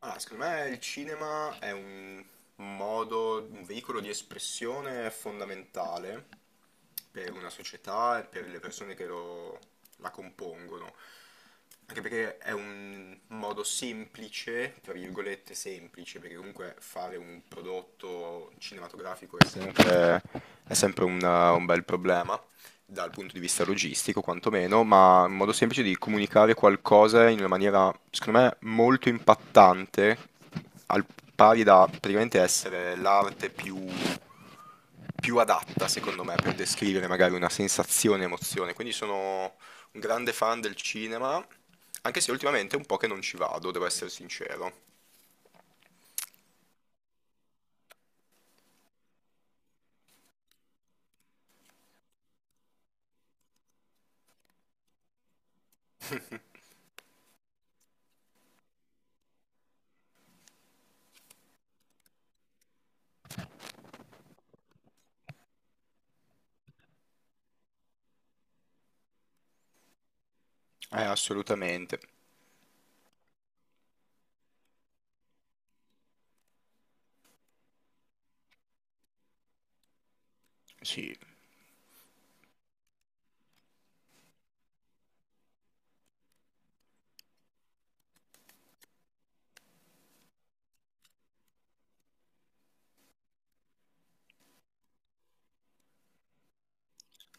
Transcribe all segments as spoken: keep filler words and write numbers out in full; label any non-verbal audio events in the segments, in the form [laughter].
Ah, secondo me il cinema è un modo, un veicolo di espressione fondamentale per una società e per le persone che lo, la compongono. Anche perché è un modo semplice, tra virgolette semplice, perché comunque fare un prodotto cinematografico è sempre, è sempre una- un bel problema dal punto di vista logistico quantomeno, ma in modo semplice di comunicare qualcosa in una maniera, secondo me, molto impattante, al pari da praticamente essere l'arte più, più adatta, secondo me, per descrivere magari una sensazione, emozione. Quindi sono un grande fan del cinema, anche se ultimamente è un po' che non ci vado, devo essere sincero. Eh, assolutamente. Sì.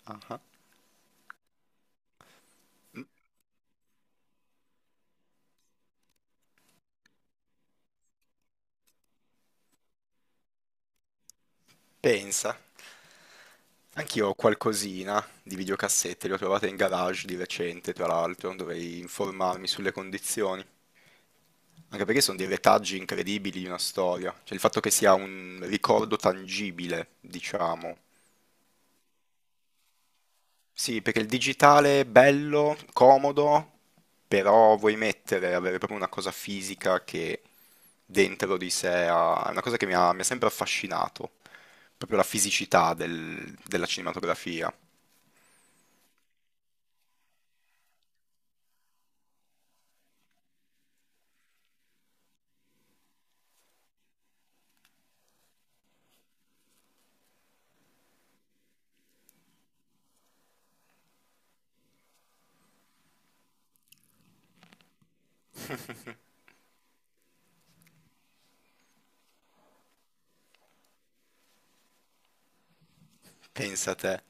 Ah. Pensa. Anch'io ho qualcosina di videocassette, le ho trovate in garage di recente, tra l'altro, dovrei informarmi sulle condizioni. Anche perché sono dei retaggi incredibili di una storia, cioè il fatto che sia un ricordo tangibile, diciamo. Sì, perché il digitale è bello, comodo, però vuoi mettere, avere proprio una cosa fisica che dentro di sé ha... è una cosa che mi ha, mi ha sempre affascinato, proprio la fisicità del- della cinematografia. Pensa a te.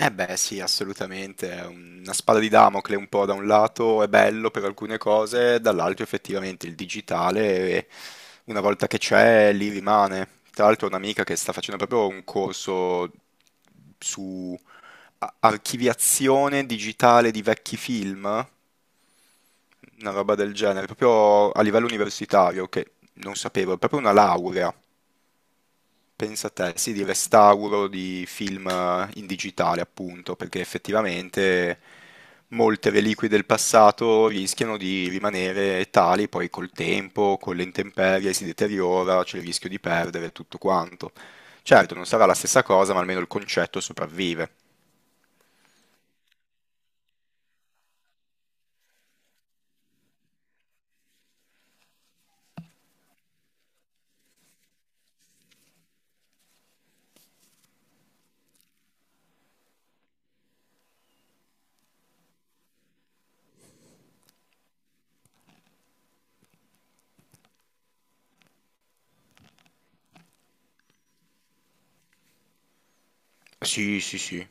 Eh beh, sì, assolutamente, è una spada di Damocle un po' da un lato è bello per alcune cose, dall'altro effettivamente il digitale eh, una volta che c'è lì rimane. Tra l'altro ho un'amica che sta facendo proprio un corso su a- archiviazione digitale di vecchi film, una roba del genere, proprio a livello universitario che non sapevo, è proprio una laurea. Pensa a te, sì, di restauro di film eh, in digitale, appunto, perché effettivamente molte reliquie del passato rischiano di rimanere tali, poi col tempo, con le intemperie si deteriora, c'è il rischio di perdere tutto quanto. Certo, non sarà la stessa cosa, ma almeno il concetto sopravvive. Sì, sì, sì.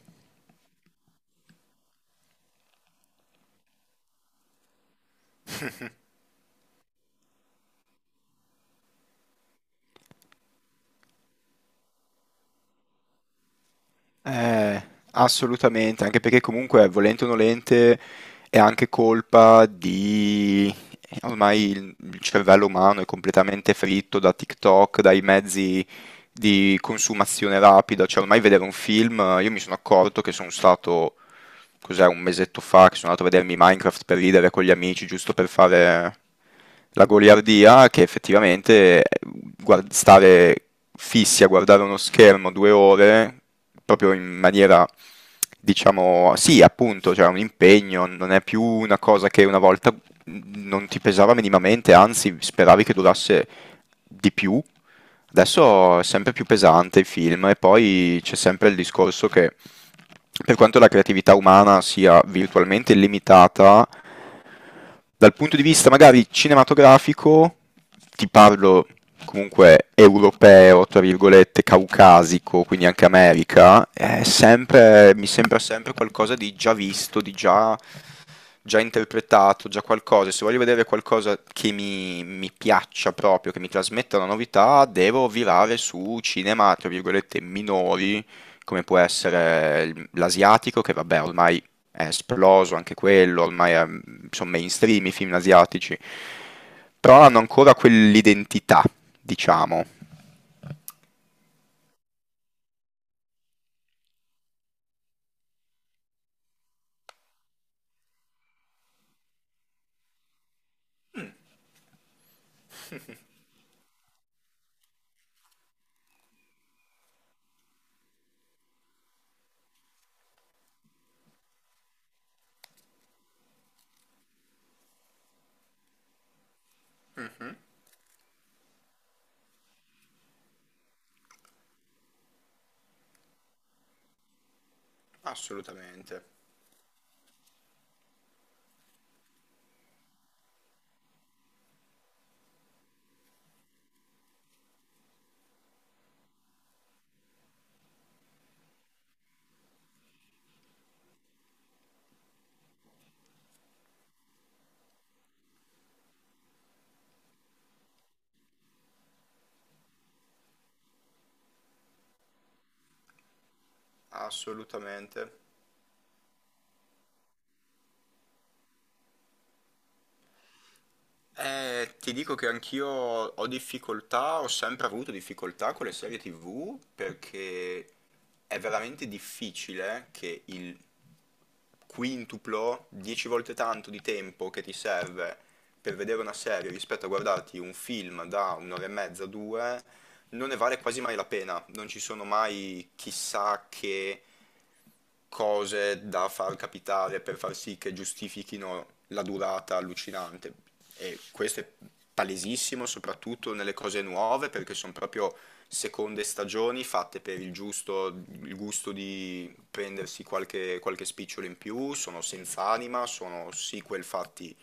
Eh, assolutamente, anche perché comunque, volente o nolente, è anche colpa di... Ormai il il cervello umano è completamente fritto da TikTok, dai mezzi di consumazione rapida, cioè ormai vedere un film, io mi sono accorto che sono stato cos'è, un mesetto fa che sono andato a vedermi Minecraft per ridere con gli amici, giusto per fare la goliardia, che effettivamente eh, guard- stare fissi a guardare uno schermo due ore, proprio in maniera, diciamo, sì, appunto, cioè un impegno, non è più una cosa che una volta mm, non ti pesava minimamente, anzi, speravi che durasse di più. Adesso è sempre più pesante il film e poi c'è sempre il discorso che per quanto la creatività umana sia virtualmente limitata, dal punto di vista magari cinematografico, ti parlo comunque europeo, tra virgolette, caucasico, quindi anche America, è sempre, mi sembra sempre qualcosa di già visto, di già, già interpretato, già qualcosa. Se voglio vedere qualcosa che mi, mi piaccia proprio, che mi trasmetta una novità, devo virare su cinema, tra virgolette, minori come può essere il- l'asiatico, che vabbè ormai è esploso anche quello, ormai è, sono mainstream i film asiatici, però hanno ancora quell'identità, diciamo. Assolutamente, assolutamente. Eh, ti dico che anch'io ho difficoltà, ho sempre avuto difficoltà con le serie T V perché è veramente difficile che il quintuplo, dieci volte tanto di tempo che ti serve per vedere una serie rispetto a guardarti un film da un'ora e mezza, due, non ne vale quasi mai la pena, non ci sono mai chissà che cose da far capitare per far sì che giustifichino la durata allucinante. E questo è palesissimo, soprattutto nelle cose nuove, perché sono proprio seconde stagioni fatte per il giusto, il gusto di prendersi qualche, qualche spicciolo in più, sono senza anima, sono sequel fatti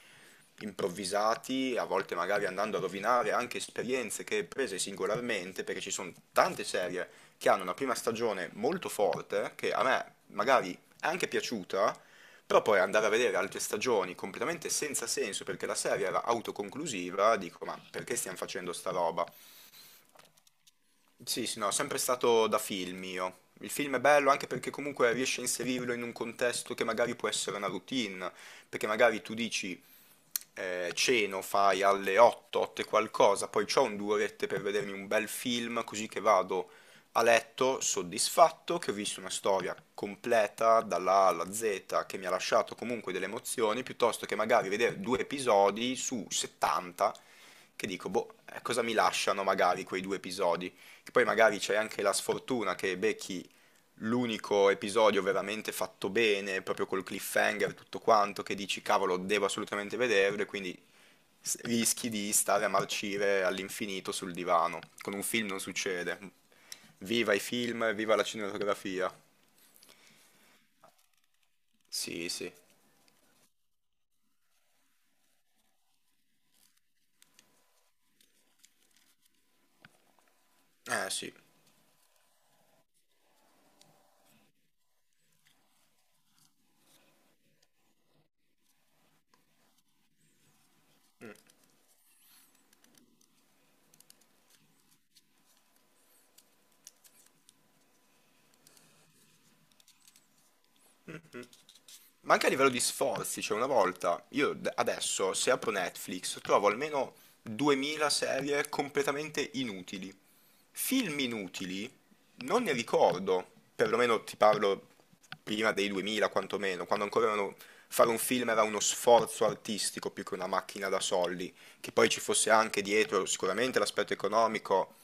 improvvisati, a volte magari andando a rovinare anche esperienze che prese singolarmente, perché ci sono tante serie che hanno una prima stagione molto forte, che a me magari è anche piaciuta, però poi andare a vedere altre stagioni completamente senza senso perché la serie era autoconclusiva, dico ma perché stiamo facendo sta roba? Sì, sì, no, sempre stato da film io. Il film è bello anche perché comunque riesce a inserirlo in un contesto che magari può essere una routine, perché magari tu dici eh, ceno, fai alle otto, otto e qualcosa, poi c'ho un due orette per vedermi un bel film, così che vado a letto soddisfatto, che ho visto una storia completa dalla A alla Z, che mi ha lasciato comunque delle emozioni, piuttosto che magari vedere due episodi su settanta, che dico, boh, eh, cosa mi lasciano magari quei due episodi? Che poi magari c'è anche la sfortuna che becchi l'unico episodio veramente fatto bene, proprio col cliffhanger, tutto quanto, che dici cavolo, devo assolutamente vederlo e quindi s- rischi di stare a marcire all'infinito sul divano. Con un film non succede. Viva i film, viva la cinematografia. Sì, sì. Eh sì. Ma anche a livello di sforzi, cioè una volta, io d- adesso se apro Netflix trovo almeno duemila serie completamente inutili. Film inutili non ne ricordo, perlomeno ti parlo prima dei duemila quantomeno, quando ancora erano- fare un film era uno sforzo artistico più che una macchina da soldi, che poi ci fosse anche dietro sicuramente l'aspetto economico,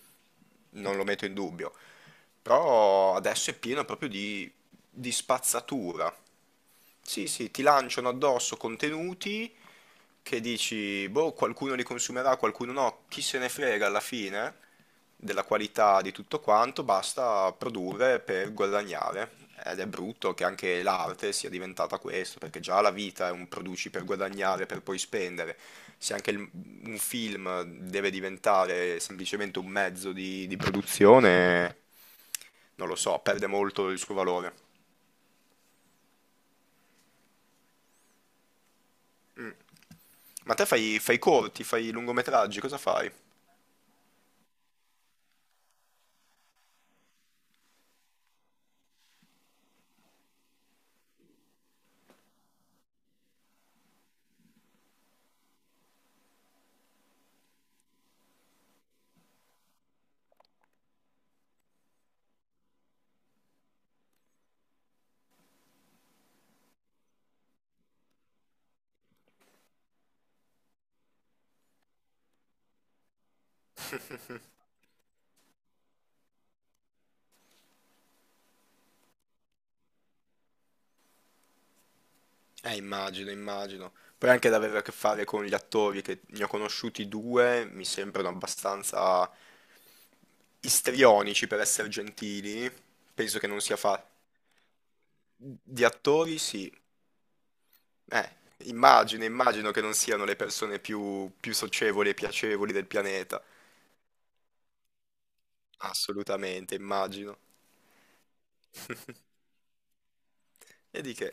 non lo metto in dubbio, però adesso è pieno proprio di di spazzatura. Sì, sì, ti lanciano addosso contenuti che dici, boh, qualcuno li consumerà, qualcuno no, chi se ne frega alla fine della qualità di tutto quanto, basta produrre per guadagnare. Ed è brutto che anche l'arte sia diventata questo, perché già la vita è un produci per guadagnare, per poi spendere. Se anche il- un film deve diventare semplicemente un mezzo di di produzione, non lo so, perde molto il suo valore. Ma te fai, fai corti, fai lungometraggi, cosa fai? Eh, immagino, immagino. Poi anche ad avere a che fare con gli attori, che ne ho conosciuti due, mi sembrano abbastanza istrionici per essere gentili. Penso che non sia fa... Di attori, sì. Eh, immagino, immagino che non siano le persone più, più socievoli e piacevoli del pianeta. Assolutamente, immagino. [laughs] E di che?